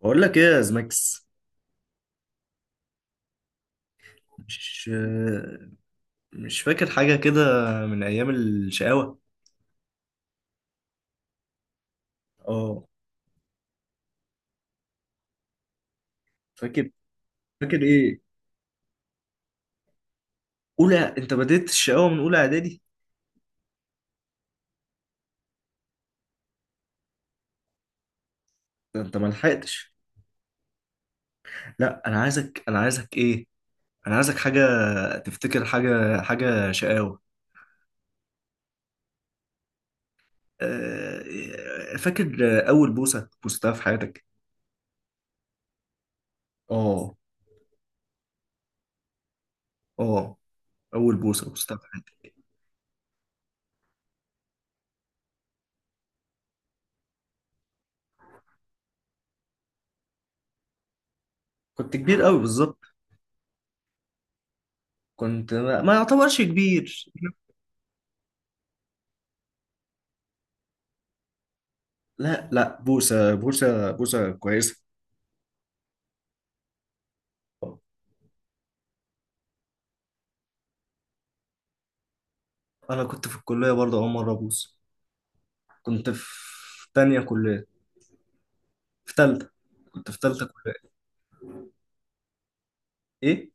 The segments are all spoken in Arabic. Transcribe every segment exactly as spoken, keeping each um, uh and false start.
بقول لك ايه يا زماكس؟ مش مش فاكر حاجة كده من أيام الشقاوة؟ اه، فاكر. فاكر ايه؟ أولى؟ أنت بديت الشقاوة من أولى إعدادي؟ ده أنت ما لحقتش. لا، أنا عايزك أنا عايزك إيه، أنا عايزك حاجة. تفتكر حاجة حاجة شقاوة؟ آه، فاكر أول بوسة بوستها في حياتك؟ اه. اه، أول بوسة بوستها في حياتك. كنت كبير قوي بالظبط. كنت ما ما يعتبرش كبير. لا لا، بوسة، بوسة، بوسة كويسة. أنا كنت في الكلية برضه أول مرة أبوس. كنت في تانية كلية، في تالتة. كنت في تالتة كلية. إيه؟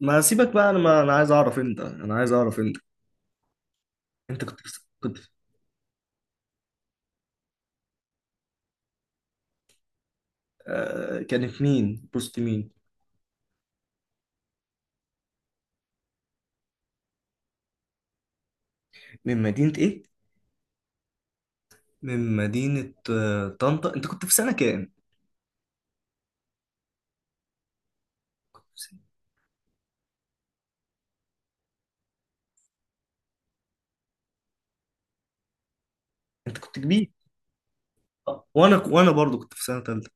ما سيبك بقى، أنا ما أنا عايز أعرف أنت أنا عايز أعرف أنت أنت كنت في- كنت في- آه، كانت مين؟ بوست مين؟ من مدينة إيه؟ من مدينة آه طنطا. أنت كنت في سنة كام؟ كنت في سنة- أنت كنت كبير. آه، وأنا وأنا برضه كنت في سنة تالتة.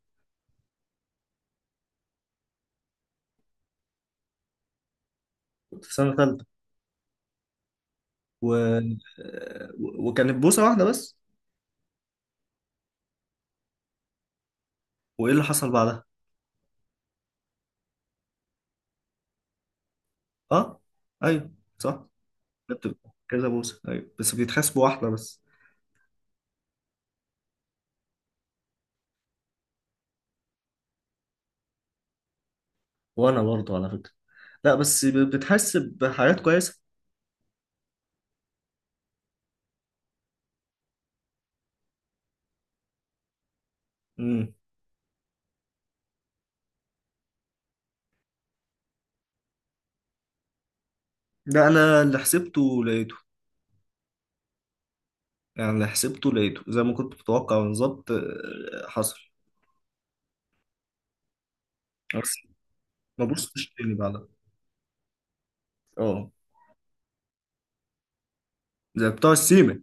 كنت في سنة تالتة و... آه، و... وكانت بوسة واحدة بس. وإيه اللي حصل بعدها؟ اه، ايوه، صح. ده بتبقى كذا بوسه، ايوه، بس بيتحسب واحده بس. وانا برضه على فكره. لا بس ب- بتحسب حاجات كويسه. امم لا، انا اللي حسبته لقيته. يعني اللي حسبته لقيته زي ما كنت متوقع بالظبط، آه، حصل. بس ما بصتش تاني بعدها. اه، زي بتوع السيمة.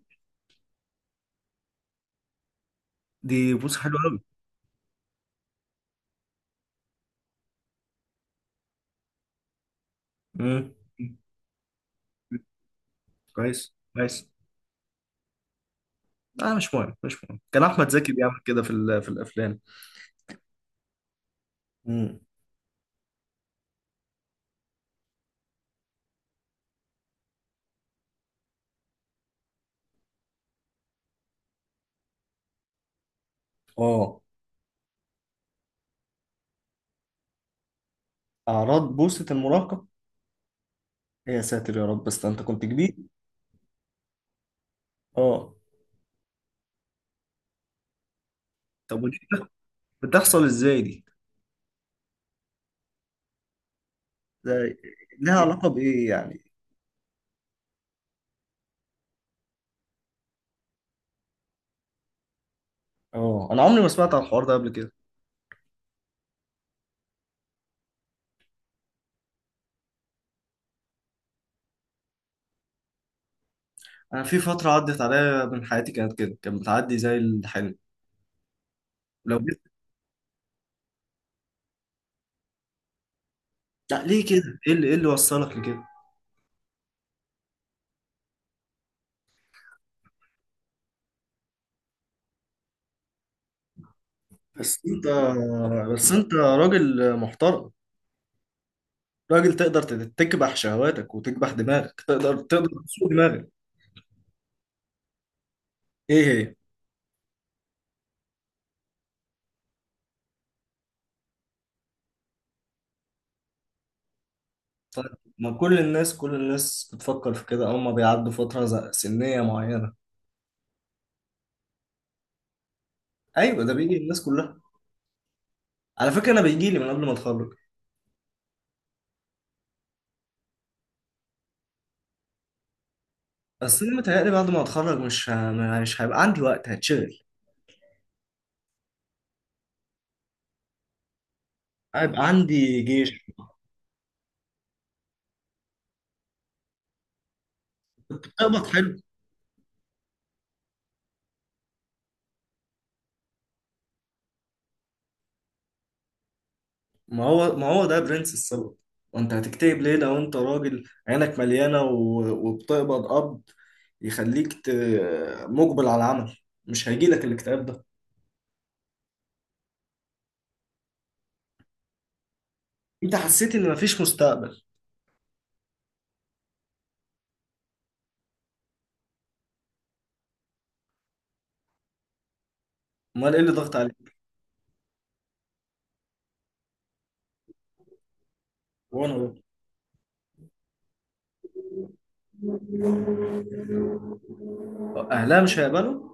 دي بص حلوه قوي. امم كويس، كويس. لا مش مهم، مش مهم، كان احمد زكي بيعمل كده في ال- في الافلام. امم اه، اعراض بوسه المراهقه؟ يا ساتر يا رب، بس انت كنت كبير. اه، طب ودي بتح- بتحصل ازاي دي؟ ده لها علاقة بإيه يعني؟ اه، انا عمري ما سمعت عن الحوار ده قبل كده. انا في فترة عدت عليا من حياتي كانت كده، كانت بتعدي زي الحلم. لو جيت، لا، ليه كده؟ ايه اللي، ايه اللي وصلك لكده؟ بس انت بس انت راجل محترم، راجل تقدر تت- تكبح شهواتك وتكبح دماغك، تقدر، تقدر تسوق دماغك. ايه هي؟ طيب، ما كل الناس، كل الناس بتفكر في كده اول ما بيعدوا فترة ز- سنية معينة. ايوه، ده بيجي للناس كلها. على فكره انا بيجي لي من قبل ما اتخرج. بس انا متهيألي بعد ما اتخرج مش ه- مش هيبقى عندي وقت، هتشغل. هيبقى عندي جيش. بتقبض حلو. ما هو ما هو ده برنس السبب. وانت هتكتئب ليه لو انت راجل عينك مليانه و- وبتقبض قبض، يخليك ت- مجبل على العمل، مش هيجي لك الاكتئاب ده. انت حسيت ان مفيش مستقبل؟ امال ايه اللي ضغط عليك؟ وانا، أهلها مش هيقبلوا؟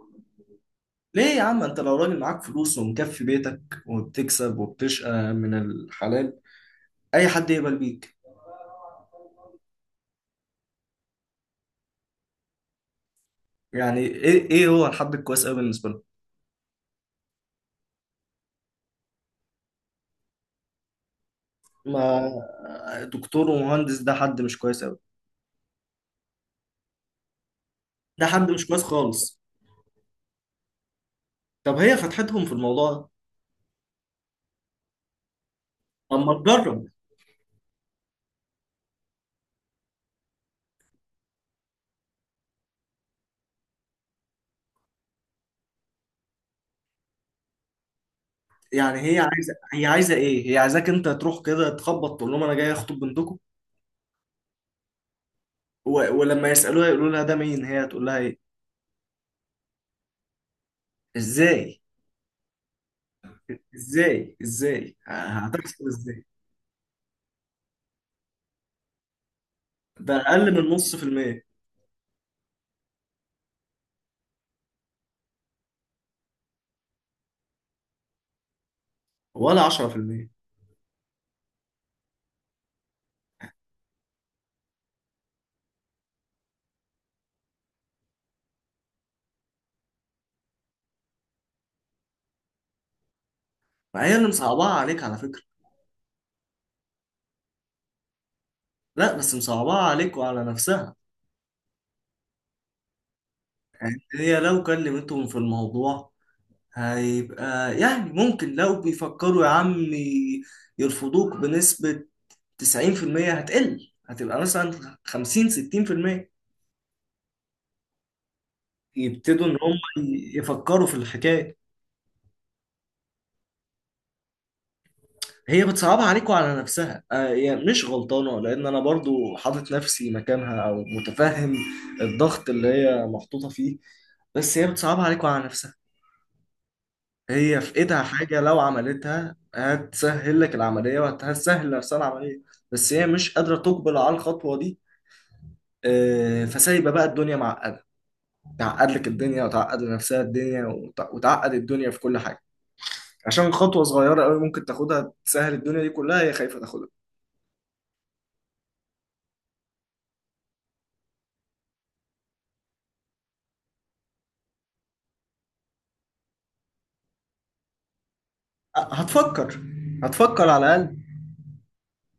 ليه يا عم؟ انت لو راجل معاك فلوس ومكفي بيتك وبتكسب وبتشقى من الحلال، اي حد يقبل بيك. يعني ايه، ايه هو الحد الكويس قوي بالنسبه له؟ ما دكتور ومهندس ده حد مش كويس قوي؟ ده حد مش كويس خالص. طب هي فتحتهم في الموضوع ده؟ طب ما تجرب. يعني هي عايزه، هي عايزه ايه؟ هي عايزاك انت تروح كده تخبط تقول لهم انا جاي اخطب بنتكم؟ و... ولما يسالوها يقولوا لها ده مين، هي هتقول لها ايه؟ ازاي؟ ازاي ازاي ه- هتحصل ازاي؟ ده اقل من نص في المية. ولا عشرة في المية؟ ما هي اللي مصعباها عليك على فكرة. لا بس مصعباها عليك وعلى نفسها. هي لو كلمتهم في الموضوع، هيبقى يعني ممكن، لو بيفكروا يا عم يرفضوك بنسبة تسعين في المية، هتقل هتبقى مثلا خمسين ستين في المية، يبتدوا إن هم يفكروا في الحكاية. هي بتصعبها عليك وعلى نفسها، آه يعني مش غلطانة لأن أنا برضو حاطط نفسي مكانها أو متفهم الضغط اللي هي محطوطة فيه، بس هي بتصعبها عليك وعلى نفسها. هي في إيدها حاجة لو عملتها هتسهل لك العملية وهتسهل لنفسها العملية، بس هي مش قادرة تقبل على الخطوة دي. آه، فسايبة بقى الدنيا معقدة، تعقد لك الدنيا وتعقد لنفسها الدنيا وتع- وتعقد الدنيا في كل حاجة، عشان خطوة صغيرة قوي ممكن تاخدها تسهل الدنيا دي كلها هي خايفة تاخدها. هتفكر، هتفكر على الاقل.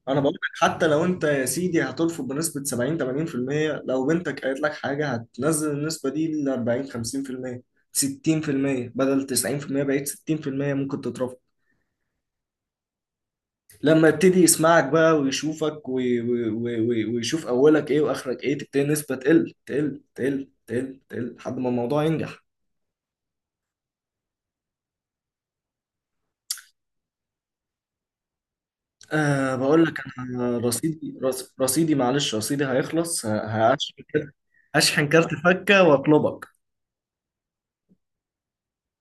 انا بقول لك، حتى لو انت يا سيدي هترفض بنسبه سبعين تمانين في المية، لو بنتك قالت لك حاجه هتنزل النسبه دي ل أربعين خمسين في المية، ستين في المية بدل تسعين في المية بقيت ستين في المية، ممكن تترفض. لما يبتدي يسمعك بقى ويشوفك وي وي وي وي- ويشوف اولك ايه واخرك ايه، تبتدي النسبه تقل، تقل، تقل، تقل، تقل لحد ما الموضوع ينجح. أه بقول لك، انا رصيدي، رص- رصيدي، معلش، رصيدي هيخلص، ه- هشحن كارت. هشحن كارت فكه واطلبك.